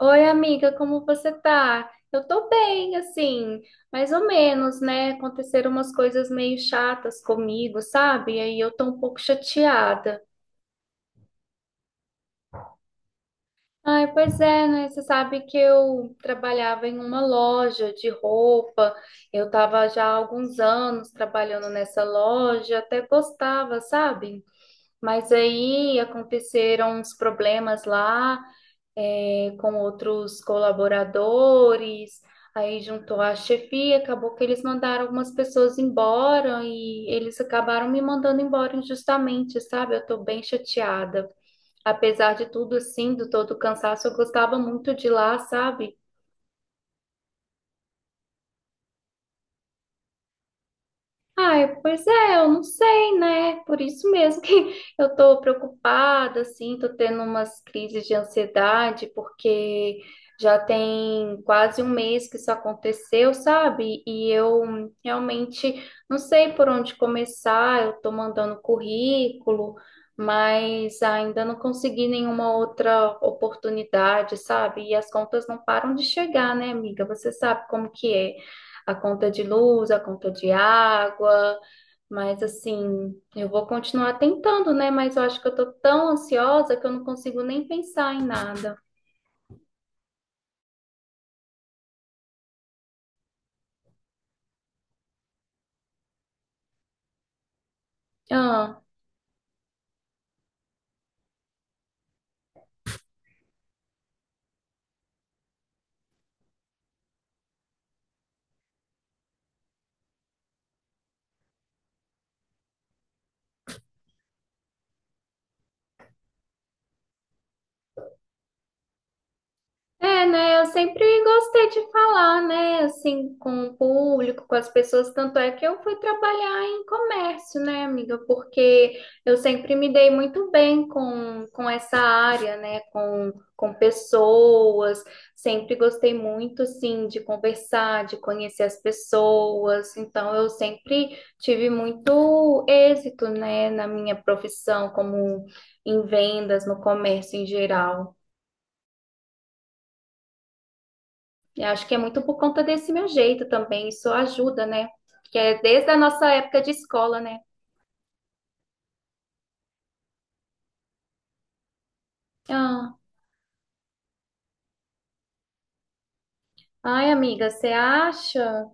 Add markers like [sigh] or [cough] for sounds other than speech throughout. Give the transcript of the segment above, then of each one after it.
Oi, amiga, como você tá? Eu tô bem, assim, mais ou menos, né? Aconteceram umas coisas meio chatas comigo, sabe? E aí eu tô um pouco chateada. Ai, pois é, né? Você sabe que eu trabalhava em uma loja de roupa, eu tava já há alguns anos trabalhando nessa loja, até gostava, sabe? Mas aí aconteceram uns problemas lá. É, com outros colaboradores, aí juntou a chefia, acabou que eles mandaram algumas pessoas embora e eles acabaram me mandando embora injustamente, sabe? Eu tô bem chateada. Apesar de tudo, assim, do todo o cansaço, eu gostava muito de lá, sabe? Ai, pois é, eu não sei, né? Por isso mesmo que [laughs] eu tô preocupada, assim, tô tendo umas crises de ansiedade, porque já tem quase um mês que isso aconteceu, sabe? E eu realmente não sei por onde começar, eu tô mandando currículo, mas ainda não consegui nenhuma outra oportunidade, sabe? E as contas não param de chegar, né, amiga? Você sabe como que é a conta de luz, a conta de água, mas assim, eu vou continuar tentando, né? Mas eu acho que eu tô tão ansiosa que eu não consigo nem pensar em nada. Ah. É, né? Eu sempre gostei de falar, né? Assim, com o público, com as pessoas. Tanto é que eu fui trabalhar em comércio, né, amiga? Porque eu sempre me dei muito bem com essa área, né? Com pessoas. Sempre gostei muito, assim, de conversar, de conhecer as pessoas. Então, eu sempre tive muito êxito, né, na minha profissão, como em vendas, no comércio em geral. Eu acho que é muito por conta desse meu jeito também, isso ajuda, né? Que é desde a nossa época de escola, né? Ah, ai, amiga, você acha?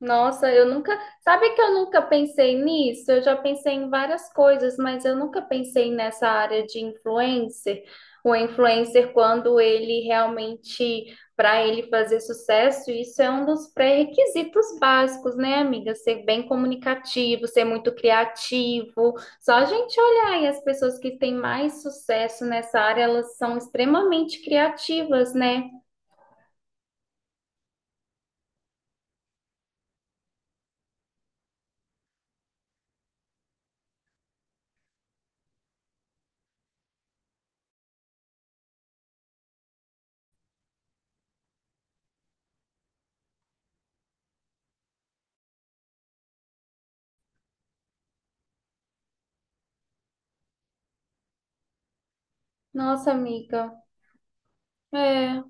Nossa, eu nunca. Sabe que eu nunca pensei nisso? Eu já pensei em várias coisas, mas eu nunca pensei nessa área de influencer. O influencer, quando ele realmente, para ele fazer sucesso, isso é um dos pré-requisitos básicos, né, amiga? Ser bem comunicativo, ser muito criativo. Só a gente olhar e as pessoas que têm mais sucesso nessa área, elas são extremamente criativas, né? Nossa, amiga. É.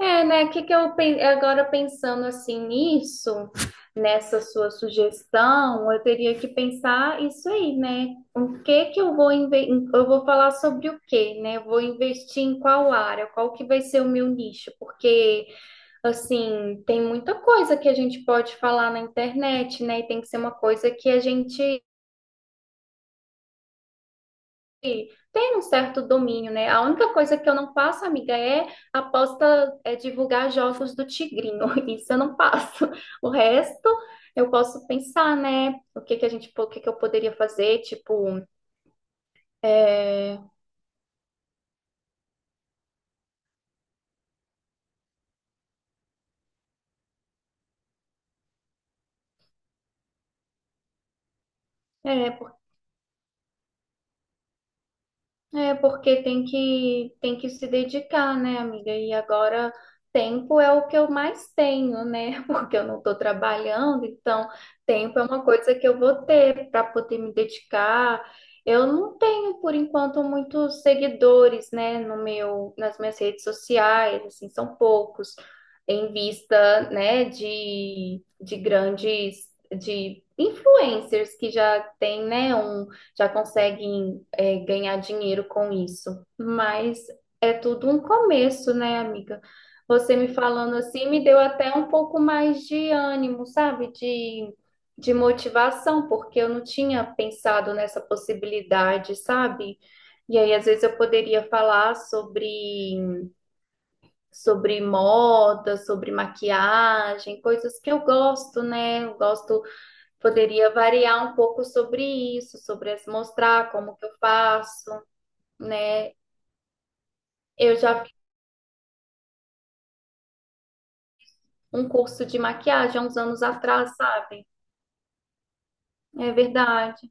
É, né? O Que que eu pen- agora pensando assim nisso, nessa sua sugestão, eu teria que pensar isso aí, né? O que que eu vou inve- eu vou falar sobre o quê, né? Eu vou investir em qual área? Qual que vai ser o meu nicho? Porque assim, tem muita coisa que a gente pode falar na internet, né? E tem que ser uma coisa que a gente tem um certo domínio, né? A única coisa que eu não passo, amiga, é aposta, é divulgar jogos do Tigrinho. [laughs] Isso eu não passo. O resto eu posso pensar, né? O que que eu poderia fazer? Tipo, é, é, é porque tem que se dedicar, né, amiga? E agora tempo é o que eu mais tenho, né? [laughs] Porque eu não estou trabalhando, então tempo é uma coisa que eu vou ter para poder me dedicar. Eu não tenho por enquanto muitos seguidores, né, no meu nas minhas redes sociais, assim, são poucos em vista, né, de grandes de influencers que já têm, né, um já conseguem é, ganhar dinheiro com isso. Mas é tudo um começo, né, amiga? Você me falando assim me deu até um pouco mais de ânimo, sabe? De motivação, porque eu não tinha pensado nessa possibilidade, sabe? E aí, às vezes, eu poderia falar sobre, sobre moda, sobre maquiagem, coisas que eu gosto, né? Eu gosto poderia variar um pouco sobre isso, mostrar como que eu faço, né? Eu já fiz um curso de maquiagem há uns anos atrás, sabe? É verdade.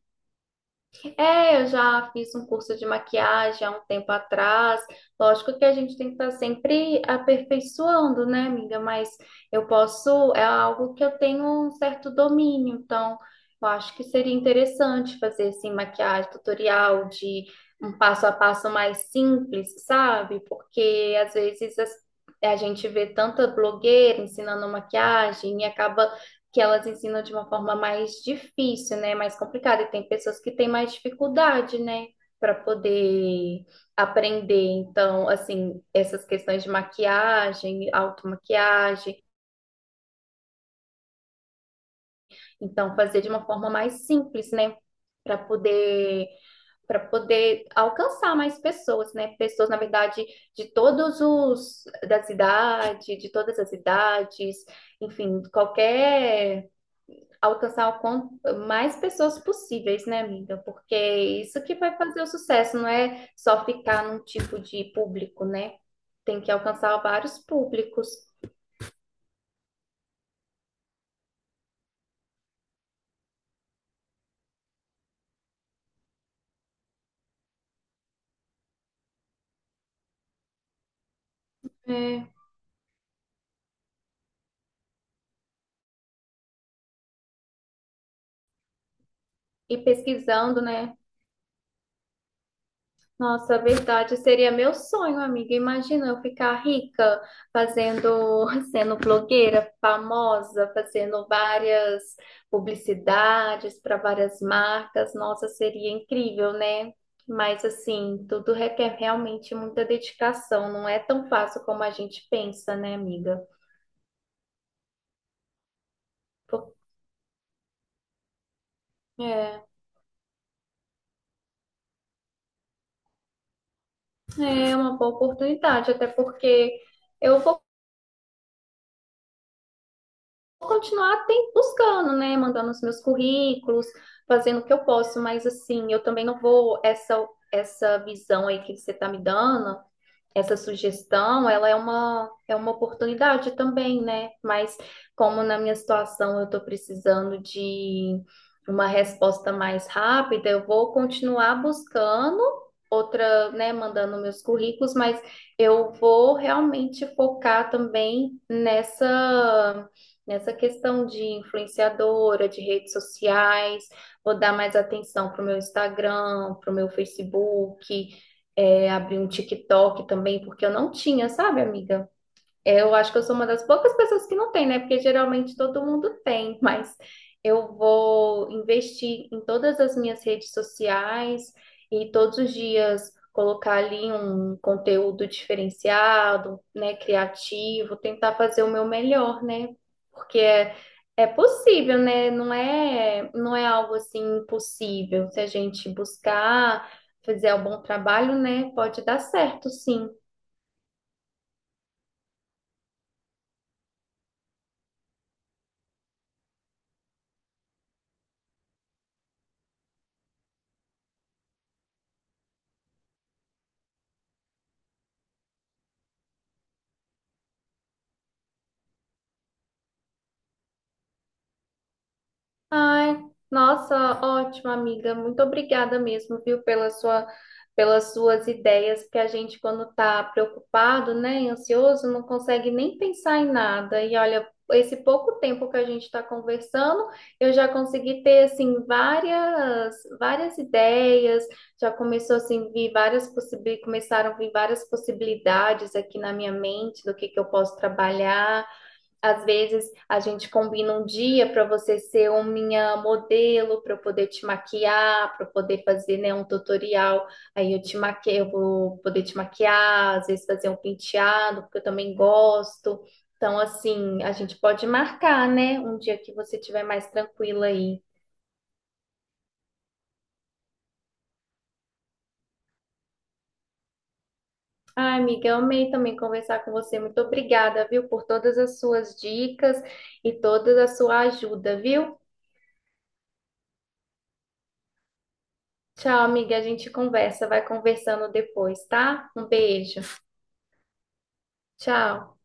É, eu já fiz um curso de maquiagem há um tempo atrás. Lógico que a gente tem que estar sempre aperfeiçoando, né, amiga? Mas eu posso, é algo que eu tenho um certo domínio, então eu acho que seria interessante fazer assim maquiagem, tutorial de um passo a passo mais simples, sabe? Porque a gente vê tanta blogueira ensinando maquiagem e acaba que elas ensinam de uma forma mais difícil, né? Mais complicada. E tem pessoas que têm mais dificuldade, né? Para poder aprender. Então, assim, essas questões de maquiagem, automaquiagem. Então, fazer de uma forma mais simples, né? Para poder. Para poder alcançar mais pessoas, né? Pessoas, na verdade, das idades, de todas as idades, enfim, qualquer alcançar o quanto mais pessoas possíveis, né, amiga? Porque é isso que vai fazer o sucesso, não é só ficar num tipo de público, né? Tem que alcançar vários públicos. É. E pesquisando, né? Nossa, verdade, seria meu sonho, amiga. Imagina eu ficar rica fazendo, [laughs] sendo blogueira famosa, fazendo várias publicidades para várias marcas. Nossa, seria incrível, né? Mas assim, tudo requer realmente muita dedicação. Não é tão fácil como a gente pensa, né, amiga? Por- É, é uma boa oportunidade, até porque eu vou continuar buscando, né? Mandando os meus currículos, fazendo o que eu posso, mas assim, eu também não vou essa visão aí que você tá me dando, essa sugestão, ela é uma oportunidade também, né? Mas como na minha situação eu estou precisando de uma resposta mais rápida, eu vou continuar buscando outra, né, mandando meus currículos, mas eu vou realmente focar também nessa questão de influenciadora, de redes sociais, vou dar mais atenção para o meu Instagram, para o meu Facebook, é, abrir um TikTok também, porque eu não tinha, sabe, amiga? É, eu acho que eu sou uma das poucas pessoas que não tem, né? Porque geralmente todo mundo tem, [laughs] mas eu vou investir em todas as minhas redes sociais e todos os dias colocar ali um conteúdo diferenciado, né? Criativo, tentar fazer o meu melhor, né? Porque é, é possível, né? Não é, não é algo assim impossível. Se a gente buscar, fazer um bom trabalho, né? Pode dar certo, sim. Ai, nossa, ótimo, amiga. Muito obrigada mesmo, viu, pela sua, pelas suas ideias, porque a gente, quando está preocupado, né, e ansioso, não consegue nem pensar em nada. E olha, esse pouco tempo que a gente está conversando, eu já consegui ter, assim, várias, várias ideias, já começou, assim, vir várias começaram a vir várias possibilidades aqui na minha mente do que eu posso trabalhar. Às vezes a gente combina um dia para você ser o minha modelo, para eu poder te maquiar, para eu poder fazer, né, um tutorial. Aí eu te maquio, eu vou poder te maquiar, às vezes fazer um penteado, porque eu também gosto. Então, assim, a gente pode marcar, né, um dia que você estiver mais tranquila aí. Ah, amiga, eu amei também conversar com você. Muito obrigada, viu, por todas as suas dicas e toda a sua ajuda, viu? Tchau, amiga. A gente conversa, vai conversando depois, tá? Um beijo. Tchau.